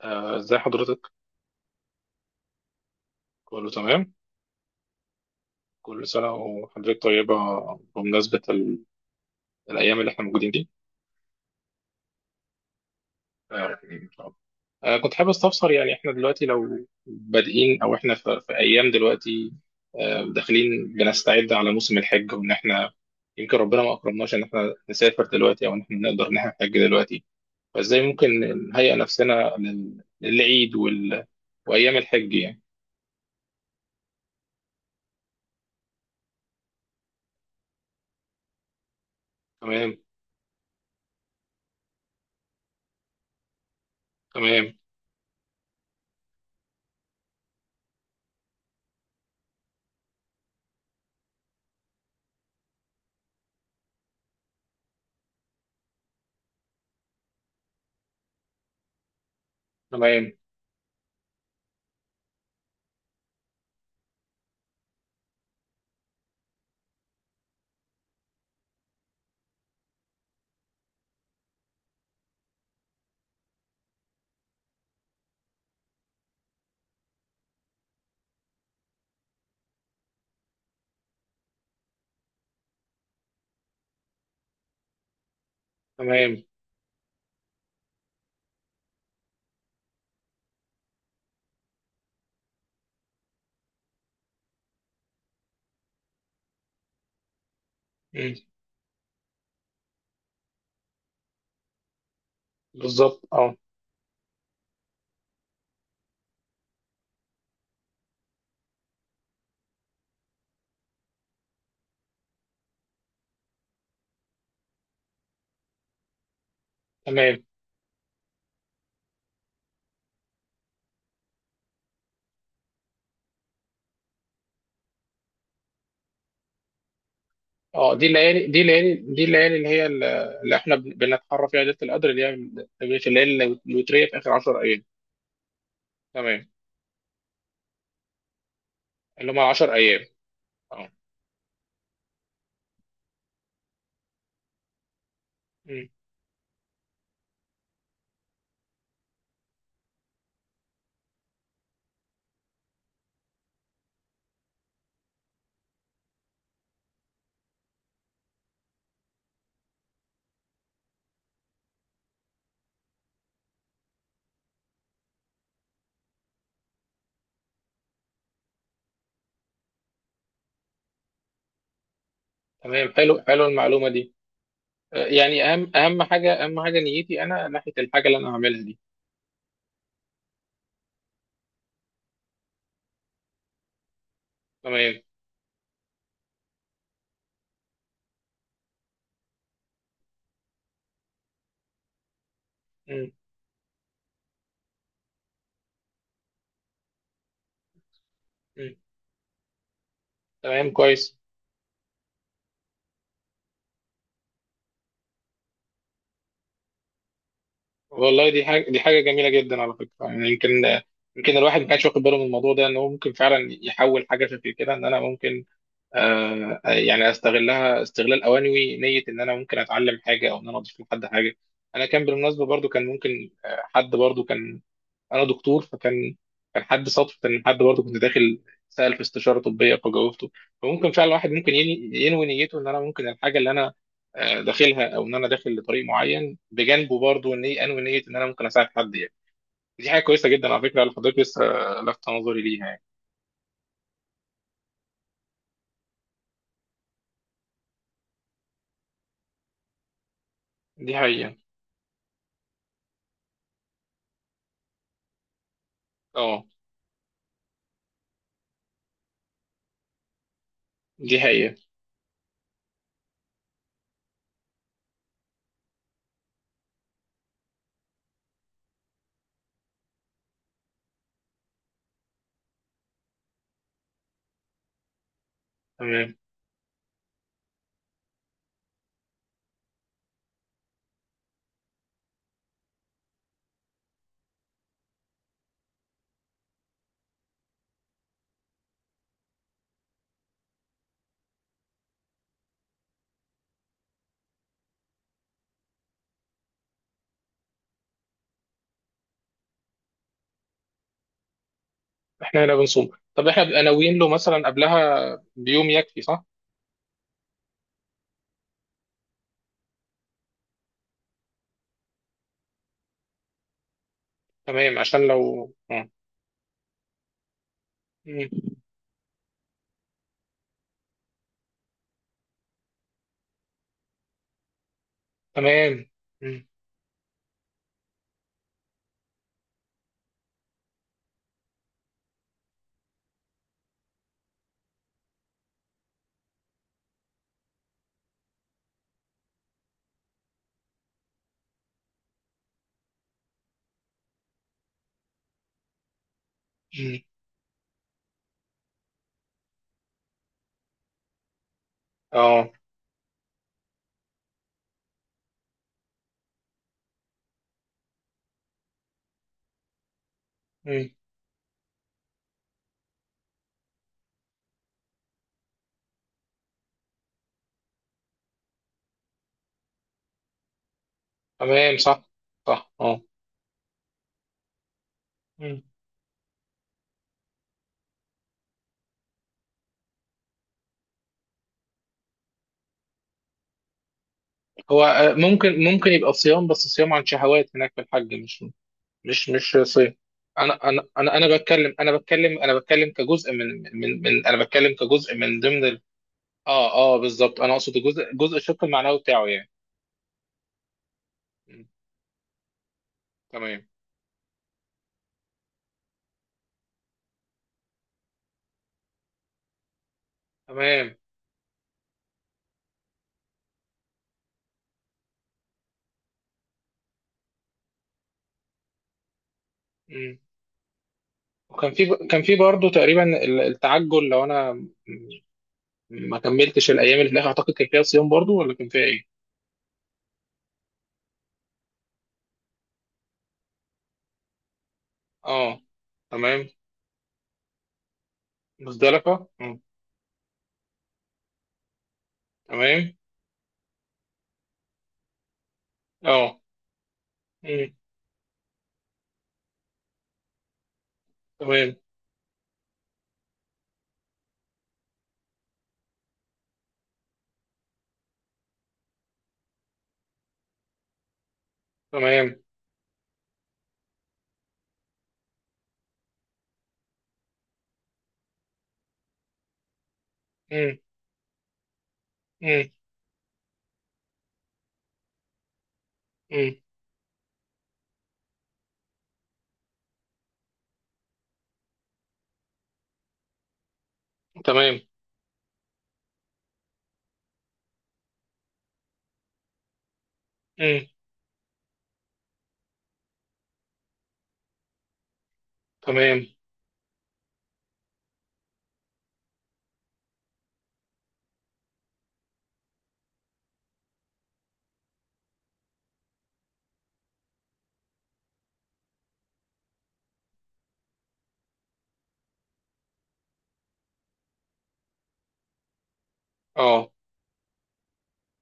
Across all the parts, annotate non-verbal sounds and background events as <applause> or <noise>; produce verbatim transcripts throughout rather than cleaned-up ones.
آه، ازي حضرتك؟ كله تمام؟ كل سنة وحضرتك طيبة بمناسبة ال... الأيام اللي احنا موجودين دي. آه، إن شاء الله. آه، كنت حابب استفسر يعني احنا دلوقتي لو بادئين أو احنا في, في أيام دلوقتي. آه، داخلين بنستعد على موسم الحج وإن احنا يمكن ربنا ما أكرمناش إن احنا نسافر دلوقتي أو إن احنا نقدر إن احنا نحج دلوقتي. فازاي ممكن نهيئ نفسنا لل... للعيد وال... وأيام الحج يعني؟ تمام. تمام. تمام. تمام. مم. بالظبط، اه. تمام. اه، دي الليالي، دي الليالي، دي الليالي اللي هي اللي احنا بن- بنتحرى فيها ليله القدر اللي هي تمريره الليالي الوتريه في اخر عشر ايام. تمام، اللي هم عشر ايام. اه. أمم. تمام، حلو حلو المعلومه دي. آه، يعني اهم اهم حاجه، اهم حاجه نيتي انا ناحيه الحاجه اللي انا هعملها دي. تمام. أمم. أمم. تمام، كويس. والله دي حاجه، دي حاجه جميله جدا على فكره. يعني يمكن، يمكن الواحد ما كانش واخد باله من الموضوع ده ان هو ممكن فعلا يحول حاجه شكل كده، ان انا ممكن، آه، آه، يعني استغلها استغلال اوانوي نيه ان انا ممكن اتعلم حاجه او ان انا اضيف لحد حاجه. انا كان بالمناسبه برضو كان ممكن آه، حد برضو كان، انا دكتور فكان، كان حد صدفه ان حد برضو كنت داخل سال في استشاره طبيه فجاوبته. فممكن فعلا واحد ممكن ين- ينوي نيته ان انا ممكن الحاجه اللي انا آه، داخلها او ان انا داخل لطريق معين بجانبه برضو ان انوي نيه ان انا ممكن اساعد حد يعني. دي حاجه كويسه جدا على فكره اللي حضرتك لسه لفت نظري ليها يعني. دي حقيقه. اه دي حقيقه. تمام. احنا هنا بنصوم. طب احنا بنبقى ناويين له مثلا قبلها بيوم يكفي، صح؟ تمام، عشان لو آه. مم. تمام. مم. مم. اه. مم. تمام، صح. صح، اه. مم. هو آه، ممكن، ممكن يبقى صيام، بس صيام عن شهوات هناك في الحج، مش مش مش صيام. انا انا انا انا بتكلم، انا بتكلم، انا بتكلم كجزء من من من انا بتكلم كجزء من ضمن ال... اه اه بالظبط، انا اقصد الجزء، جزء الشق المعنوي بتاعه يعني. مم. تمام. تمام. وكان في، كان في برضه تقريبا ال- التعجل، لو انا م- ما كملتش الايام اللي في الاخر اعتقد كان فيها صيام برضه ولا كان فيها ايه؟ اه. تمام. مزدلفه. مم. تمام. اه. مم. تمام. تمام. مم. مم. مم. تمام. مم. تمام. اه.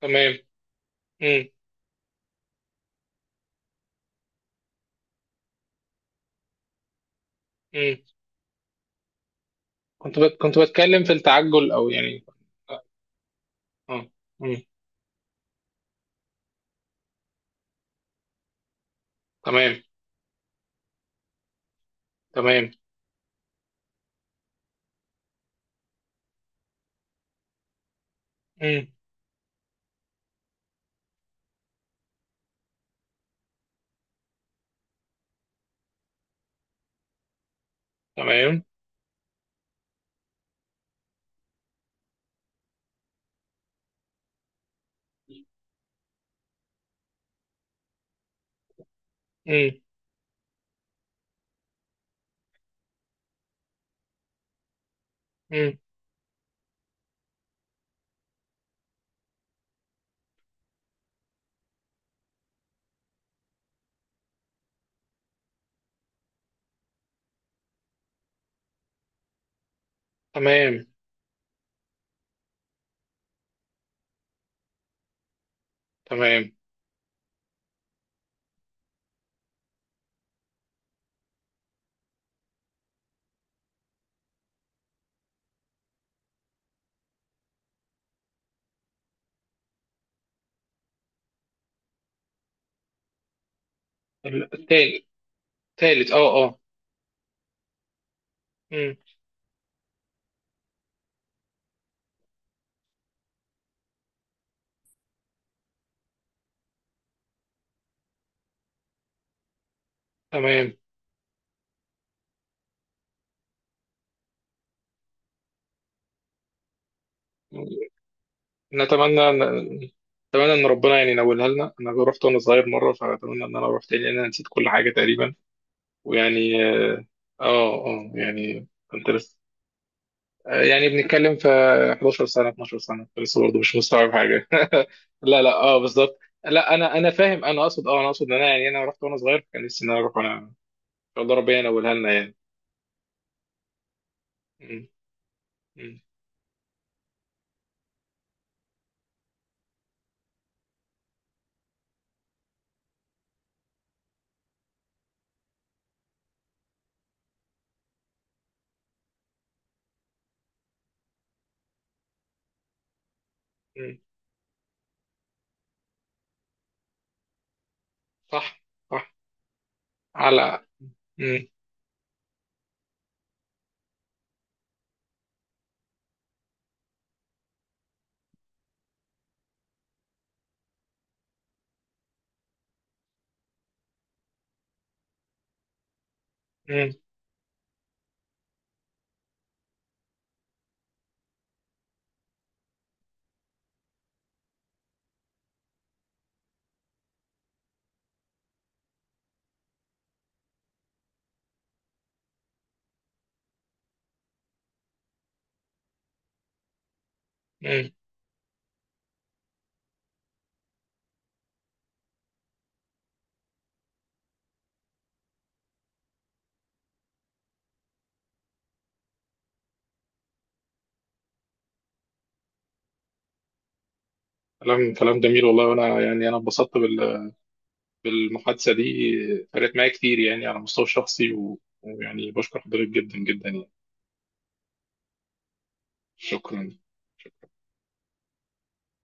تمام. مم. مم. كنت بت... كنت بتكلم في التعجل او يعني اه. آه. مم. تمام. تمام. مم. تمام. مم. مم. تمام. تمام. ال- التاني. تالت، اه اه. مم. تمام. نتمنى، نتمنى ان ربنا يعني ينولها لنا. انا رحت وانا صغير مره، فاتمنى ان انا اروح تاني لان انا نسيت كل حاجه تقريبا. ويعني اه اه يعني كنت لسه آه، يعني بنتكلم في احدعشر سنه، اتناشر سنه، كنت لسه برضه مش مستوعب حاجه. <laughs> لا لا اه بالظبط. لا انا، انا فاهم. انا اقصد اه، انا اقصد ان انا يعني انا رحت وانا صغير، كان نفسي ان انا اروح وانا ان شاء الله ربنا ينولها لنا يعني. مم. مم. مم. صح. صح. على. مم. مم. مم. كلام، كلام جميل والله. وانا يعني انا انبسطت بال- بالمحادثه دي. فرقت معايا كتير يعني على المستوى الشخصي، و- ويعني بشكر حضرتك جدا جدا يعني. شكرا